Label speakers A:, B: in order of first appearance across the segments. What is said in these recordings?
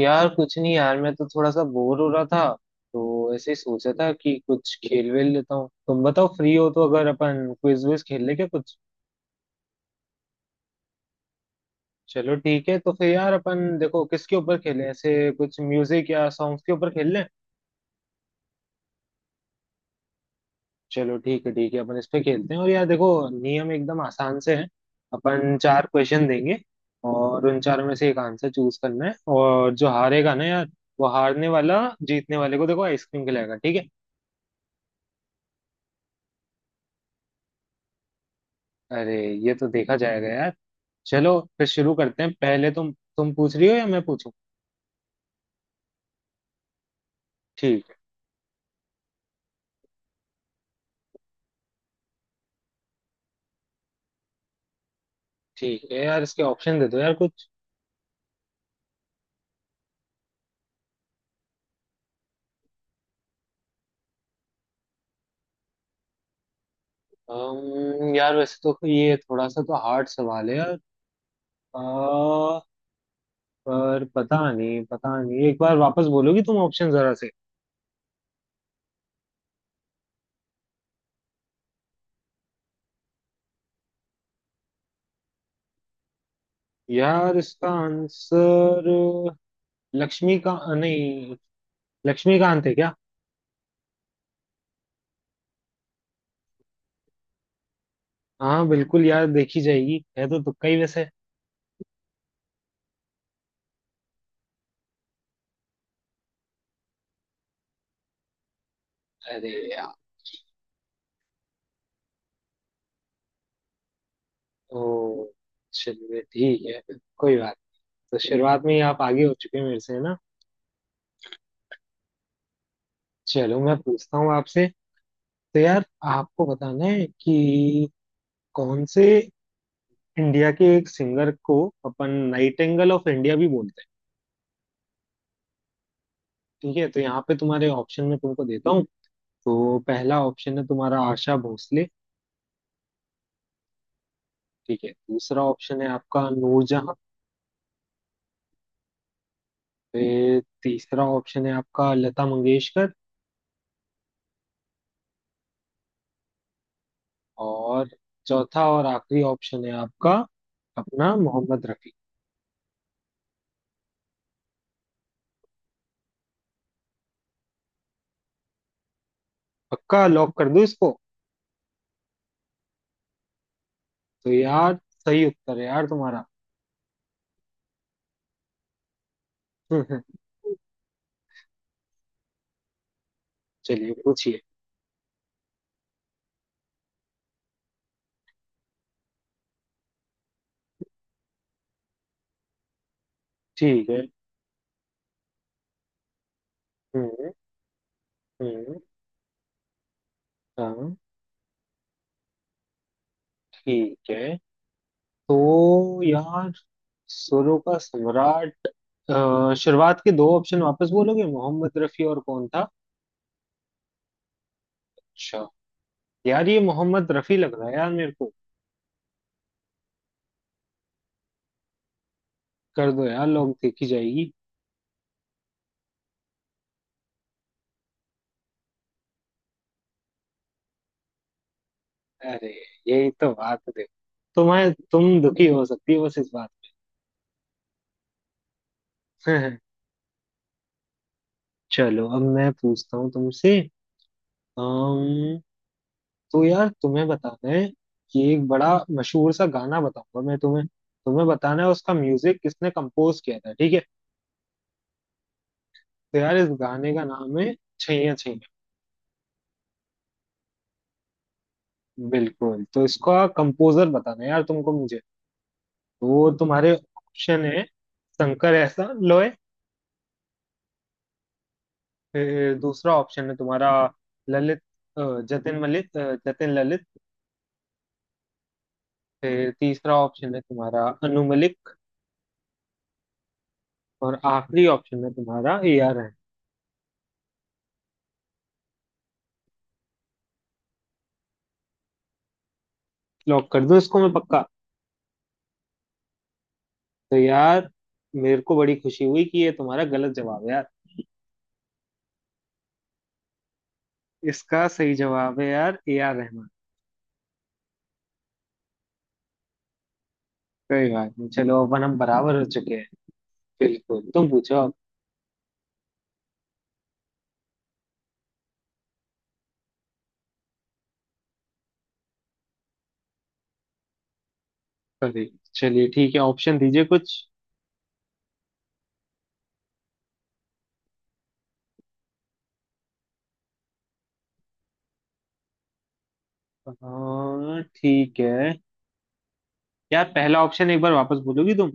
A: यार कुछ नहीं यार, मैं तो थोड़ा सा बोर हो रहा था। तो ऐसे ही सोचा था कि कुछ खेल वेल लेता हूँ। तुम बताओ, फ्री हो तो अगर अपन क्विज विज खेल ले क्या कुछ। चलो ठीक है, तो फिर यार अपन देखो किसके ऊपर खेलें, ऐसे कुछ म्यूजिक या सॉन्ग्स के ऊपर खेल लें। चलो ठीक है, ठीक है, अपन इस पे खेलते हैं। और यार देखो, नियम एकदम आसान से है। अपन चार क्वेश्चन देंगे, और उन चारों में से एक आंसर चूज करना है। और जो हारेगा ना यार, वो हारने वाला जीतने वाले को देखो आइसक्रीम खिलाएगा, ठीक है। अरे, ये तो देखा जाएगा यार। चलो फिर शुरू करते हैं, पहले तुम पूछ रही हो या मैं पूछूं। ठीक है। ठीक है यार, इसके ऑप्शन दे दो यार कुछ। यार वैसे तो ये थोड़ा सा तो हार्ड सवाल है यार। अ, पर पता नहीं, पता नहीं, एक बार वापस बोलोगी तुम ऑप्शन जरा से। यार इसका आंसर लक्ष्मी का नहीं, लक्ष्मीकांत है क्या। हाँ बिल्कुल यार, देखी जाएगी, है तो तुक्का ही वैसे। अरे यार। ओ, चलिए ठीक है, कोई बात नहीं। तो शुरुआत में ही आप आगे हो चुके हैं मेरे से, है ना। चलो मैं पूछता हूँ आपसे। तो यार आपको बताना है कि कौन से, इंडिया के एक सिंगर को अपन नाइटिंगेल ऑफ इंडिया भी बोलते हैं। ठीक है, तो यहाँ पे तुम्हारे ऑप्शन में तुमको देता हूँ। तो पहला ऑप्शन है तुम्हारा आशा भोसले। ठीक है, दूसरा ऑप्शन है आपका नूरजहां। फिर तीसरा ऑप्शन है आपका लता मंगेशकर। और चौथा और आखिरी ऑप्शन है आपका, अपना, मोहम्मद रफी। पक्का लॉक कर दो इसको। तो यार, सही उत्तर है यार तुम्हारा। चलिए पूछिए। ठीक है। हम्म। हम्म। हाँ, ठीक है। तो यार, सुरों का सम्राट। शुरुआत के दो ऑप्शन वापस बोलोगे, मोहम्मद रफी और कौन था। अच्छा। यार ये मोहम्मद रफी लग रहा है यार मेरे को। कर दो यार, लोग देखी जाएगी। अरे, यही तो बात है देखो। तुम दुखी हो सकती हो बस इस बात। चलो अब मैं पूछता हूँ तुमसे। तो यार तुम्हें बताना है कि एक बड़ा मशहूर सा गाना बताऊंगा मैं तुम्हें, तुम्हें बताना है उसका म्यूजिक किसने कंपोज किया था, ठीक है। तो यार इस गाने का नाम है छैया छैया। बिल्कुल, तो इसका कंपोजर बताना है यार तुमको मुझे। तो वो तुम्हारे ऑप्शन है शंकर एहसान लोय। फिर दूसरा ऑप्शन है तुम्हारा ललित, जतिन मलिक, जतिन ललित। फिर तीसरा ऑप्शन है तुम्हारा अनु मलिक। और आखिरी ऑप्शन है तुम्हारा ए आर रहमान। लॉक कर दूं इसको मैं, पक्का। तो यार, मेरे को बड़ी खुशी हुई कि ये तुम्हारा गलत जवाब है यार। इसका सही जवाब है यार ए आर रहमान। कोई बात नहीं, चलो अपन हम बराबर हो चुके हैं। बिल्कुल, तुम पूछो अब। अरे, चलिए ठीक है, ऑप्शन दीजिए कुछ। हाँ, ठीक है। यार पहला ऑप्शन एक बार वापस बोलोगी तुम।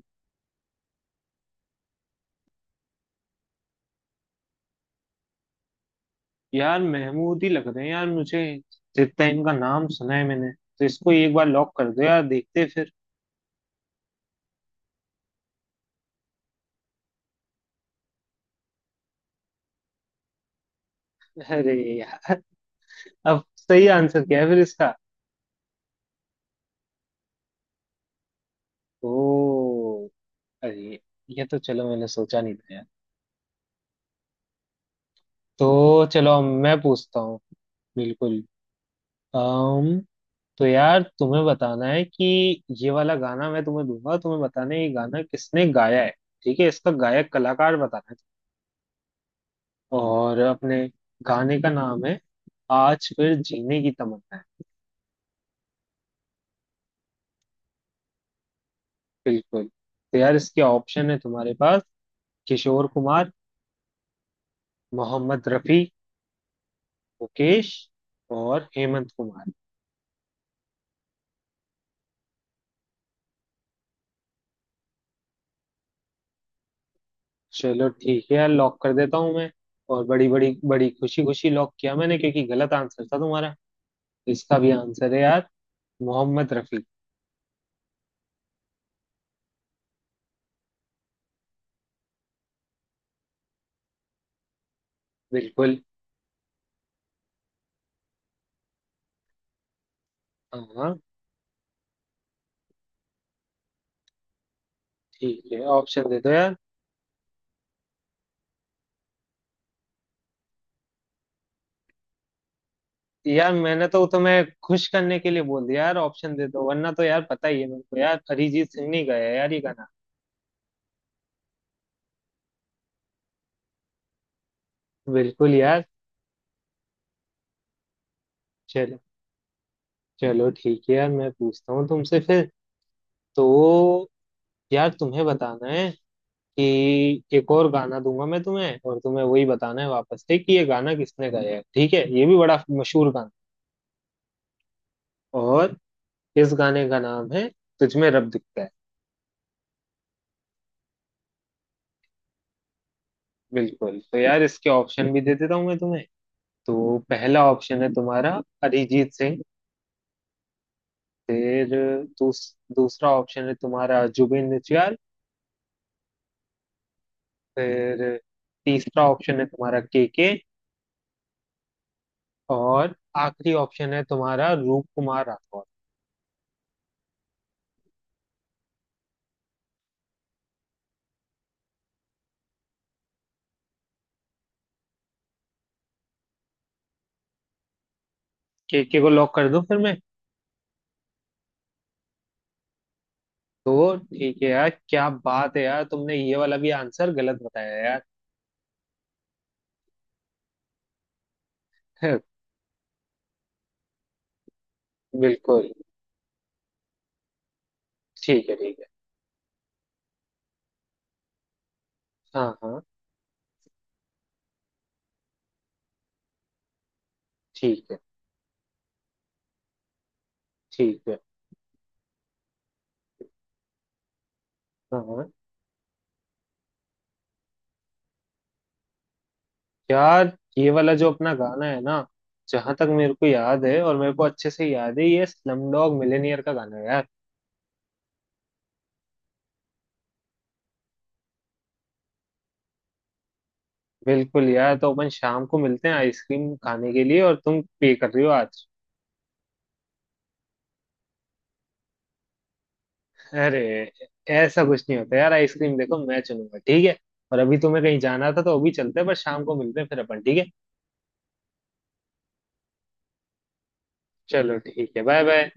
A: यार महमूद ही लग रहे हैं यार मुझे, जितना इनका नाम सुना है मैंने। तो इसको एक बार लॉक कर दो यार, देखते हैं फिर। अरे यार, अब सही आंसर क्या है फिर इसका। ओ, अरे ये तो चलो मैंने सोचा नहीं था यार। तो चलो अब मैं पूछता हूँ। बिल्कुल। अम्म तो यार तुम्हें बताना है कि ये वाला गाना मैं तुम्हें दूंगा, तुम्हें बताना है ये गाना किसने गाया है, ठीक है, इसका गायक कलाकार बताना है। और अपने गाने का नाम है आज फिर जीने की तमन्ना है। बिल्कुल, तो यार इसके ऑप्शन है तुम्हारे पास, किशोर कुमार, मोहम्मद रफी, मुकेश, और हेमंत कुमार। चलो ठीक है यार, लॉक कर देता हूँ मैं। और बड़ी बड़ी बड़ी खुशी खुशी लॉक किया मैंने, क्योंकि गलत आंसर था तुम्हारा। इसका भी आंसर है यार मोहम्मद रफी। बिल्कुल। हाँ ठीक है, ऑप्शन दे दो यार। यार मैंने तो तुम्हें खुश करने के लिए बोल दिया यार, ऑप्शन दे दो, वरना तो यार पता ही है मेरे को यार, अरिजीत सिंह ने गाया है यार ये गाना। बिल्कुल यार। चलो, चलो ठीक है यार, मैं पूछता हूँ तुमसे फिर। तो यार तुम्हें बताना है कि एक और गाना दूंगा मैं तुम्हें, और तुम्हें वही बताना है वापस से कि ये गाना किसने गाया है, ठीक है, ये भी बड़ा मशहूर गाना है। और इस गाने का नाम है तुझमें रब दिखता है। बिल्कुल, तो यार इसके ऑप्शन भी दे देता हूँ मैं तुम्हें। तो पहला ऑप्शन है तुम्हारा अरिजीत सिंह। फिर दूसरा ऑप्शन है तुम्हारा जुबिन नौटियाल। फिर तीसरा ऑप्शन है तुम्हारा के, और आखिरी ऑप्शन है तुम्हारा रूप कुमार राठौर। केके को लॉक कर दूं फिर मैं। तो ठीक है यार, क्या बात है यार, तुमने ये वाला भी आंसर गलत बताया यार। बिल्कुल। ठीक है, ठीक है। हाँ हाँ। ठीक है, ठीक है। हाँ हाँ। यार ये वाला जो अपना गाना है ना, जहां तक मेरे को याद है, और मेरे को अच्छे से याद है, ये स्लमडॉग मिलियनेयर का गाना है यार। बिल्कुल यार, तो अपन शाम को मिलते हैं आइसक्रीम खाने के लिए, और तुम पे कर रही हो आज। अरे, ऐसा कुछ नहीं होता यार, आइसक्रीम देखो मैं चलूंगा, ठीक है। और अभी तुम्हें कहीं जाना था तो अभी चलते हैं, पर शाम को मिलते हैं फिर अपन, ठीक है। चलो ठीक है, बाय बाय।